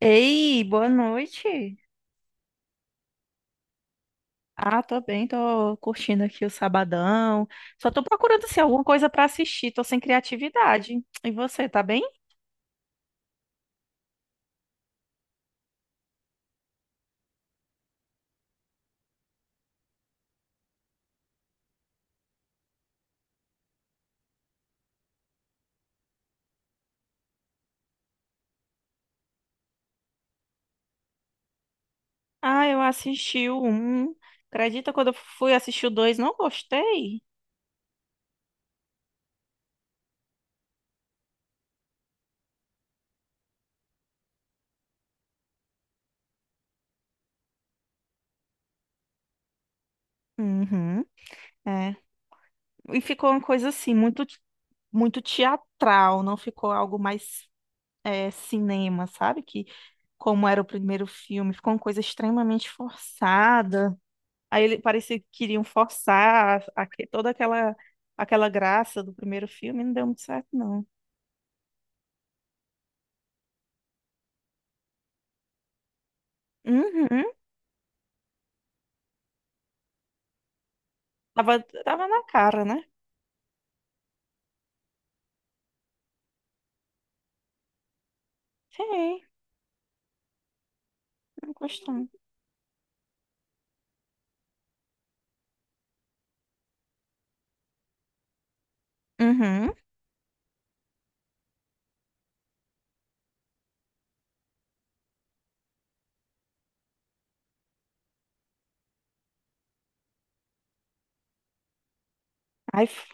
Ei, boa noite. Ah, tô bem, tô curtindo aqui o sabadão. Só tô procurando assim, alguma coisa pra assistir, tô sem criatividade. E você, tá bem? Ah, eu assisti o um. Acredita quando eu fui assistir o dois, não gostei? Uhum, é. E ficou uma coisa assim, muito, muito teatral, não ficou algo mais é, cinema, sabe? Que como era o primeiro filme, ficou uma coisa extremamente forçada. Aí ele parecia que queriam forçar toda aquela graça do primeiro filme, não deu muito certo, não. Uhum. Tava na cara, né? Sim, não gostou. Uhum. Aí, f-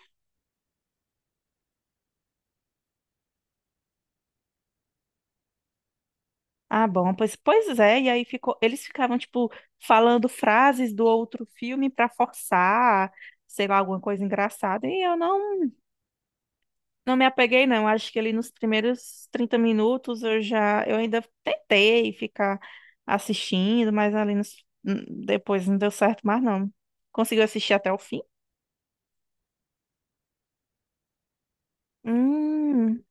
bom, pois é, e aí ficou, eles ficavam, tipo, falando frases do outro filme pra forçar, sei lá, alguma coisa engraçada, e eu não Não me apeguei, não. Acho que ali nos primeiros 30 minutos eu já, eu ainda tentei ficar assistindo, mas ali depois não deu certo mais não. Conseguiu assistir até o fim? Hum,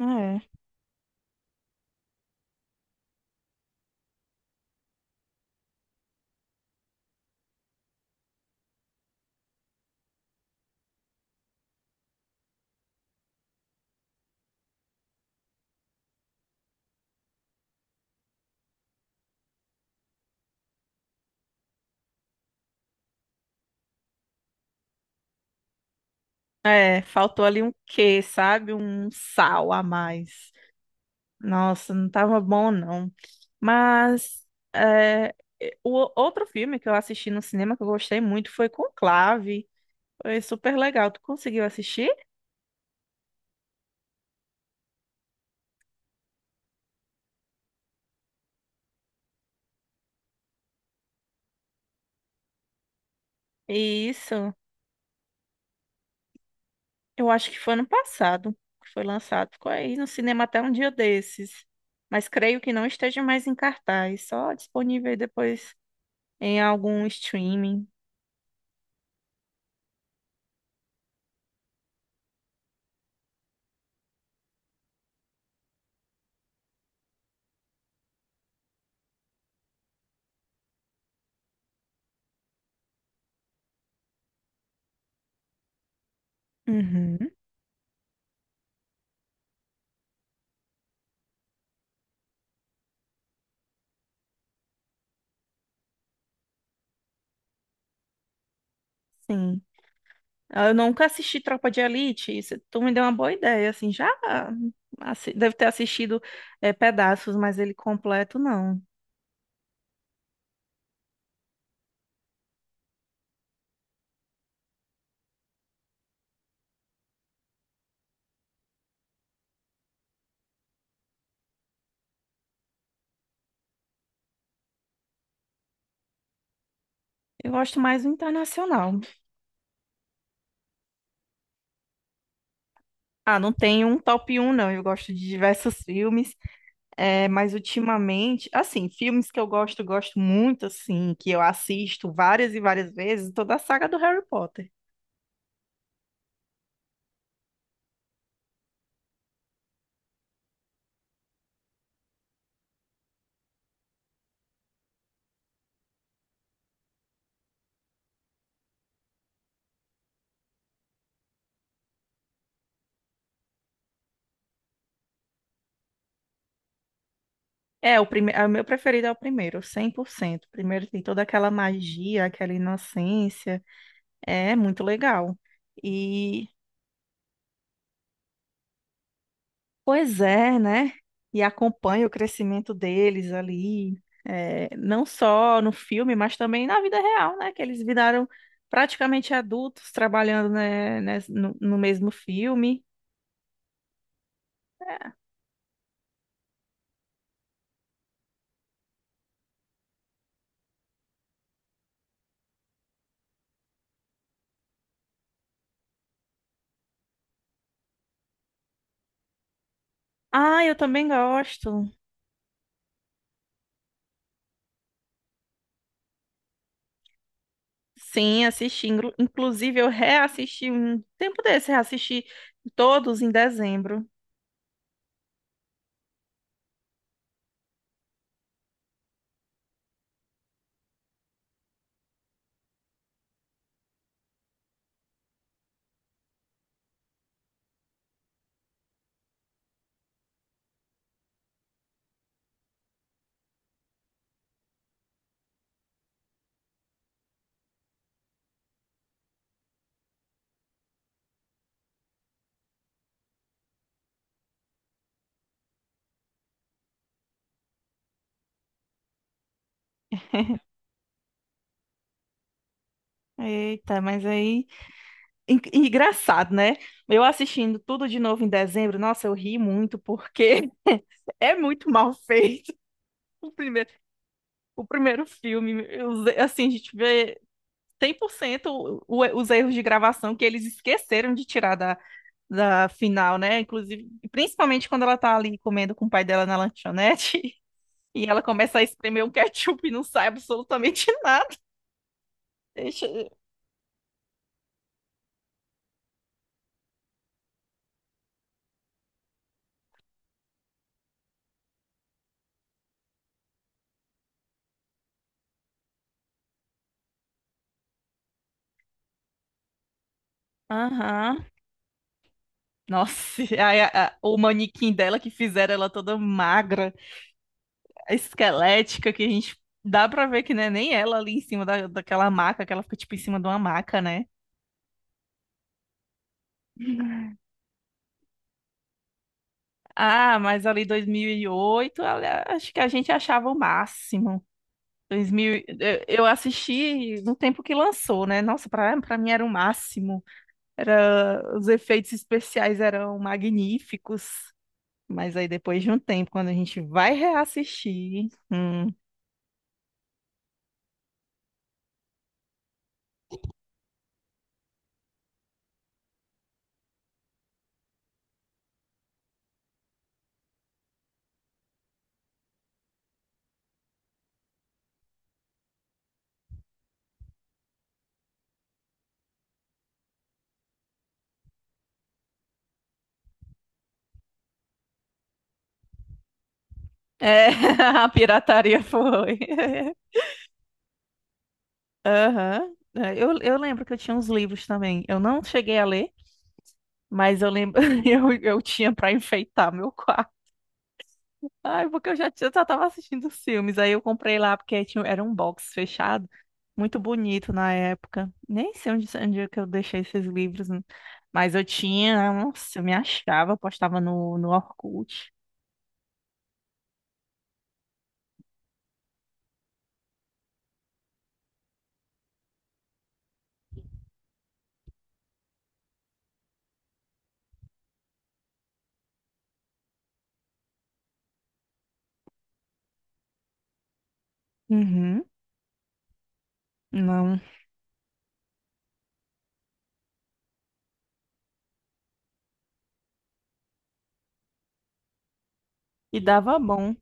é. É, faltou ali um quê, sabe? Um sal a mais. Nossa, não tava bom não. Mas é, o outro filme que eu assisti no cinema que eu gostei muito foi Conclave. Foi super legal. Tu conseguiu assistir? Isso. Eu acho que foi ano passado que foi lançado. Ficou aí no cinema até um dia desses. Mas creio que não esteja mais em cartaz, só disponível aí depois em algum streaming. Uhum, sim. Ah, eu nunca assisti Tropa de Elite, isso, tu me deu uma boa ideia, assim, já deve ter assistido pedaços, mas ele completo não. Eu gosto mais do internacional. Ah, não tenho um top um não, eu gosto de diversos filmes. É, mas ultimamente, assim, filmes que eu gosto, gosto muito, assim, que eu assisto várias e várias vezes, toda a saga do Harry Potter. É, é, o meu preferido é o primeiro, 100%. O primeiro tem toda aquela magia, aquela inocência. É muito legal. E, pois é, né? E acompanha o crescimento deles ali, é, não só no filme, mas também na vida real, né? Que eles viraram praticamente adultos trabalhando, né, no mesmo filme. Ah, eu também gosto. Sim, assisti. Inclusive, eu reassisti um tempo desse, reassisti todos em dezembro. Eita, mas aí. Engraçado, né? Eu assistindo tudo de novo em dezembro, nossa, eu ri muito, porque é muito mal feito. O primeiro, o primeiro filme, assim, a gente vê 100% os erros de gravação que eles esqueceram de tirar da final, né? Inclusive, principalmente quando ela tá ali comendo com o pai dela na lanchonete. E ela começa a espremer um ketchup e não sai absolutamente nada. Deixa... eu- Aham. Nossa, e aí o manequim dela que fizeram ela toda magra, esquelética, que a gente dá pra ver que não é nem ela ali em cima daquela maca, que ela fica tipo em cima de uma maca, né? Ah, mas ali 2008, olha, acho que a gente achava o máximo. 2000, eu assisti no tempo que lançou, né? Nossa, pra mim era o máximo. Era, os efeitos especiais eram magníficos, mas aí depois de um tempo, quando a gente vai reassistir, é, a pirataria foi. Aham. É, eu lembro que eu tinha uns livros também. Eu não cheguei a ler, mas eu lembro, eu tinha para enfeitar meu quarto. Ai, porque eu já tava assistindo os filmes. Aí eu comprei lá porque tinha, era um box fechado, muito bonito na época. Nem sei onde é que eu deixei esses livros, né? Mas eu tinha, nossa, eu me achava, eu postava no Orkut. Uhum, não. E dava bom.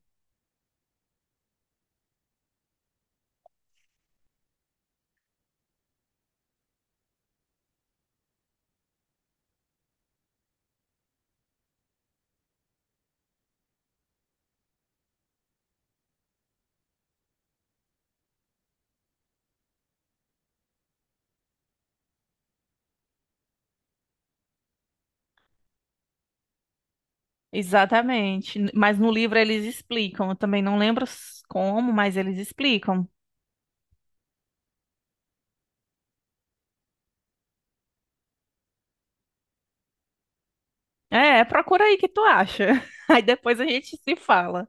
Exatamente. Mas no livro eles explicam. Eu também não lembro como, mas eles explicam. É, procura aí que tu acha. Aí depois a gente se fala.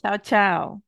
Tchau, tchau.